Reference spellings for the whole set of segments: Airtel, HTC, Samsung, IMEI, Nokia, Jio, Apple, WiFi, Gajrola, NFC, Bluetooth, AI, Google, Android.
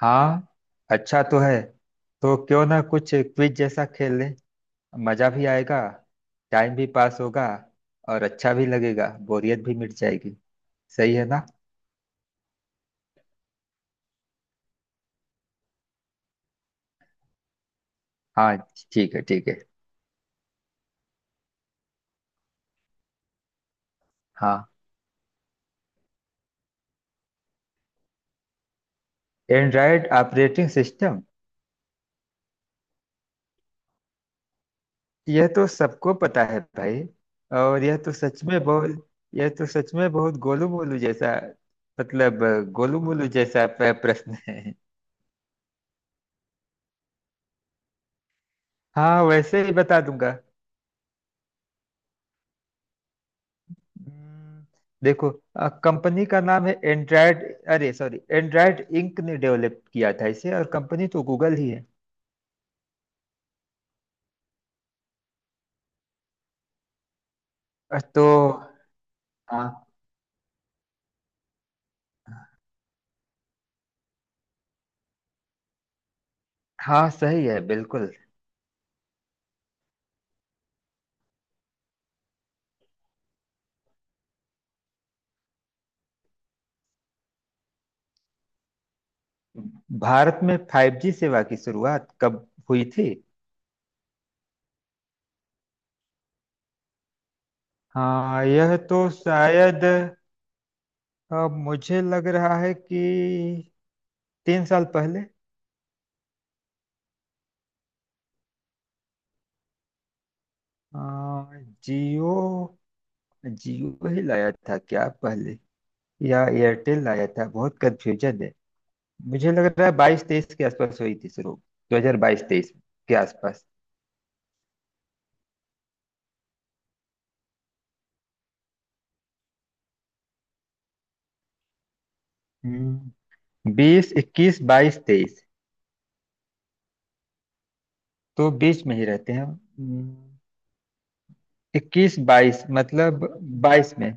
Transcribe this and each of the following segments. हाँ। अच्छा तो है। तो क्यों ना कुछ क्विज जैसा खेल लें। मजा भी आएगा। टाइम भी पास होगा। और अच्छा भी लगेगा, बोरियत भी मिट जाएगी। सही है ना? हाँ। ठीक है, ठीक है। हाँ। Android operating system. यह तो सबको पता है भाई। और यह तो सच में बहुत गोलू मोलू जैसा, मतलब गोलू मोलू जैसा प्रश्न है। हाँ, वैसे ही बता दूंगा। हम्म, देखो, कंपनी का नाम है एंड्राइड। अरे सॉरी, एंड्राइड इंक ने डेवलप किया था इसे, और कंपनी तो गूगल ही है। तो हाँ, हाँ सही है बिल्कुल। भारत में 5G सेवा की शुरुआत कब हुई थी? हाँ, यह तो शायद मुझे लग रहा है कि 3 साल पहले। जियो, जियो ही लाया था क्या पहले या एयरटेल लाया था? बहुत कंफ्यूजन है। मुझे लग रहा है बाईस तेईस के आसपास हुई थी शुरू। दो हजार बाईस तेईस के आसपास। हम्म बीस, इक्कीस, बाईस, तेईस। तो बीच में ही रहते हैं हम। इक्कीस बाईस, मतलब बाईस में।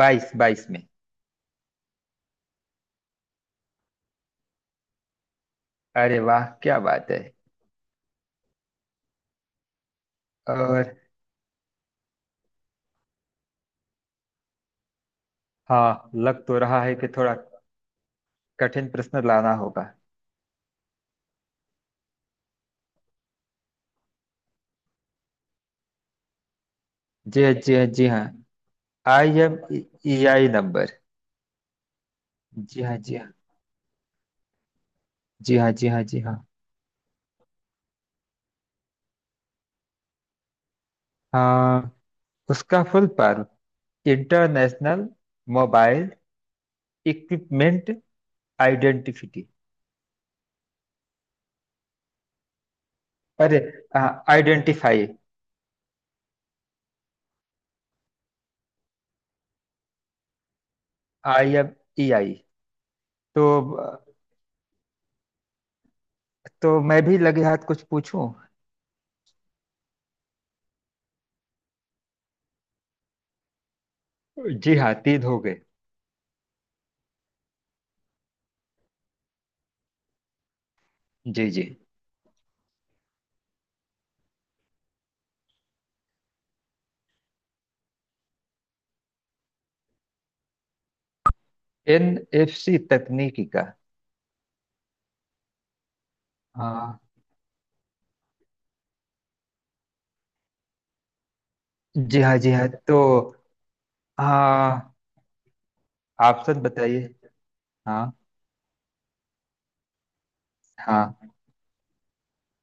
बाईस बाईस में। अरे वाह, क्या बात है! और हाँ, लग तो रहा है कि थोड़ा कठिन प्रश्न लाना होगा। जी हाँ, जी हाँ, जी हाँ। I M E I number. जी हाँ, जी हाँ, जी हाँ। जी हाँ, जी हाँ। हाँ, उसका full form international mobile equipment identity. अरे identify. I M E I. तो तो मैं भी लगे हाथ कुछ पूछूं। जी हाँ, तीन हो गए। जी जी। एन एफ सी तकनीकी का? हाँ। जी हाँ, जी हाँ। तो हाँ, ऑप्शन बताइए। हाँ। हाँ।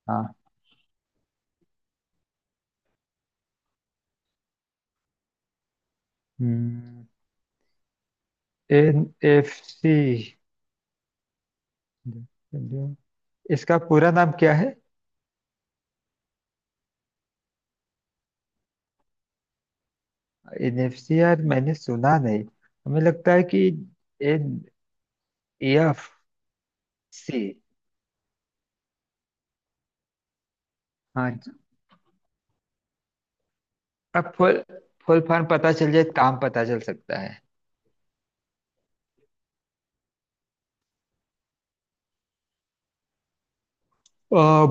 हाँ। एन एफ सी, इसका पूरा नाम क्या है? एन एफ सी यार मैंने सुना नहीं। हमें लगता है कि एन एफ सी। हाँ, अब फुल फुल फॉर्म पता चल जाए, काम पता चल सकता है।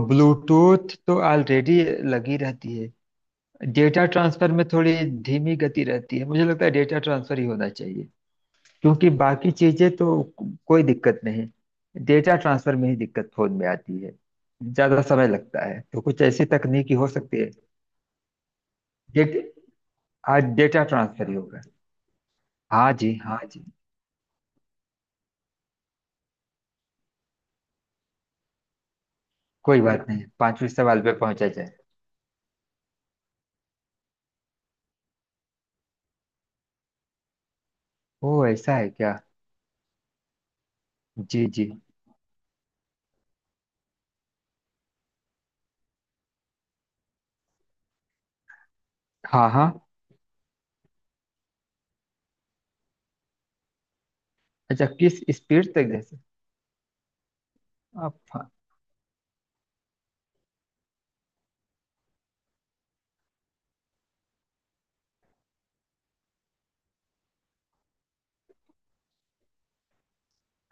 ब्लूटूथ तो ऑलरेडी लगी रहती है। डेटा ट्रांसफर में थोड़ी धीमी गति रहती है, मुझे लगता है डेटा ट्रांसफर ही होना चाहिए। क्योंकि बाकी चीजें तो कोई दिक्कत नहीं। डेटा ट्रांसफर में ही दिक्कत फोन में आती है, ज्यादा समय लगता है, तो कुछ ऐसी तकनीकी हो सकती है। डेट आज डेटा ट्रांसफर ही होगा। हाँ जी, हाँ जी। कोई बात नहीं, पांचवें सवाल पे पहुंचा जाए। ओ ऐसा है क्या? जी जी। हाँ हाँ। अच्छा, किस स्पीड तक? जैसे? आप?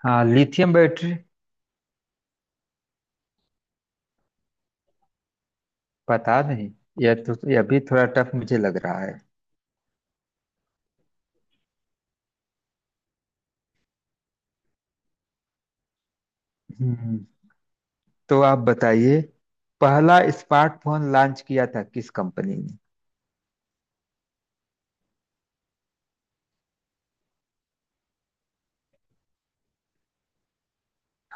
हाँ, लिथियम बैटरी। पता नहीं, यह तो यह भी थोड़ा टफ मुझे लग रहा है। हम्म तो आप बताइए, पहला स्मार्टफोन लॉन्च किया था किस कंपनी ने?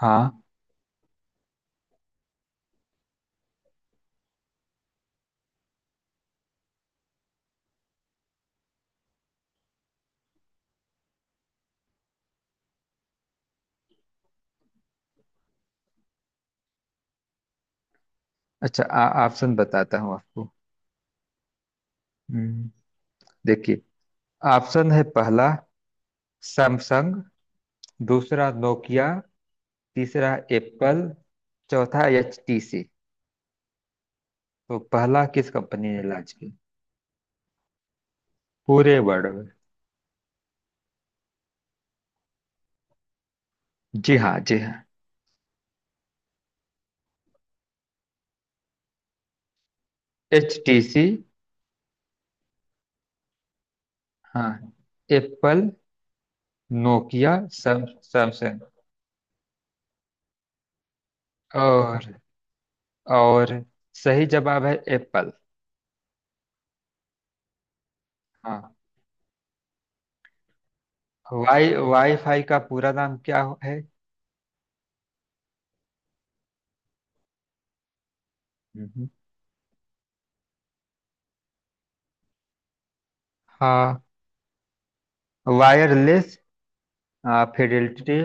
हाँ। अच्छा, ऑप्शन बताता हूँ आपको। हम्म देखिए, ऑप्शन है: पहला सैमसंग, दूसरा नोकिया, तीसरा एप्पल, चौथा एचटीसी। तो पहला किस कंपनी ने लॉन्च किया? पूरे वर्ल्ड में। जी हाँ, जी हाँ। H T C. हाँ, एप्पल, नोकिया, सम सैमसंग। और और सही जवाब है एप्पल। हाँ। वाईफाई का पूरा नाम क्या है? हम्म। हाँ, वायरलेस फिडेलिटी।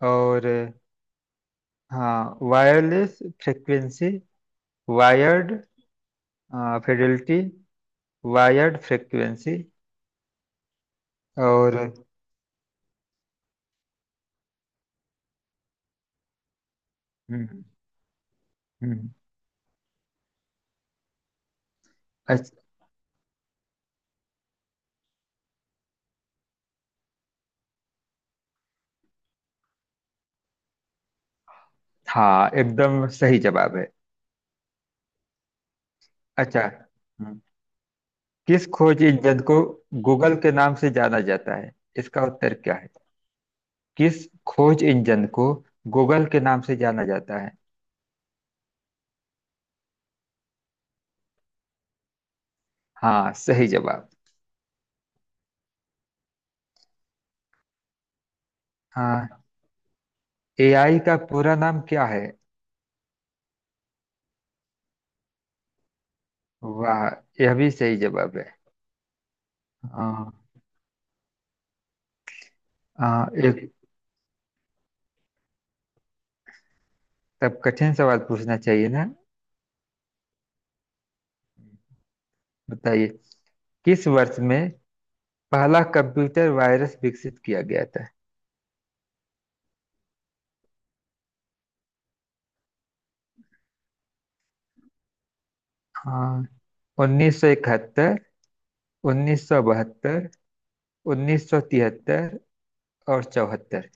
और हाँ, wireless frequency, wired fidelity, wired frequency. और हम्म, हम्म। अच्छा। हाँ, एकदम सही जवाब है। अच्छा। हम्म। किस खोज इंजन को गूगल के नाम से जाना जाता है, इसका उत्तर क्या है? किस खोज इंजन को गूगल के नाम से जाना जाता है? हाँ, सही जवाब। हाँ, एआई का पूरा नाम क्या है? वाह, यह भी सही जवाब है। हाँ हाँ। एक। तब कठिन सवाल पूछना चाहिए ना। बताइए, किस वर्ष में पहला कंप्यूटर वायरस विकसित किया गया था? हाँ, 1971, 1972, 1973, और चौहत्तर।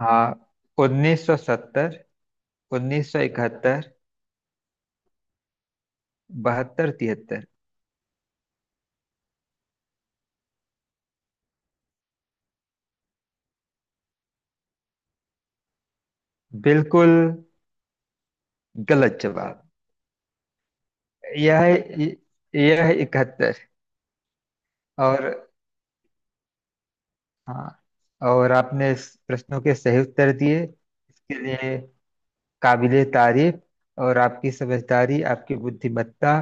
हाँ, 1970, 1971, बहत्तर, तिहत्तर। बिल्कुल गलत जवाब। यह यह इकहत्तर। और हाँ, और आपने इस प्रश्नों के सही उत्तर दिए, इसके लिए काबिले तारीफ। और आपकी समझदारी, आपकी बुद्धिमत्ता,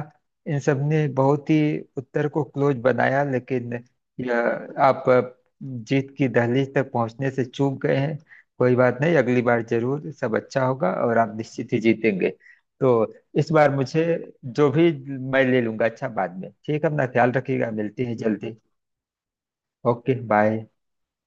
इन सब ने बहुत ही उत्तर को क्लोज बनाया, लेकिन यह आप जीत की दहलीज तक पहुंचने से चूक गए हैं। कोई बात नहीं, अगली बार जरूर सब अच्छा होगा और आप निश्चित ही जीतेंगे। तो इस बार मुझे जो भी, मैं ले लूंगा अच्छा बाद में। ठीक है, अपना ख्याल रखिएगा, मिलते हैं जल्दी। Okay bye.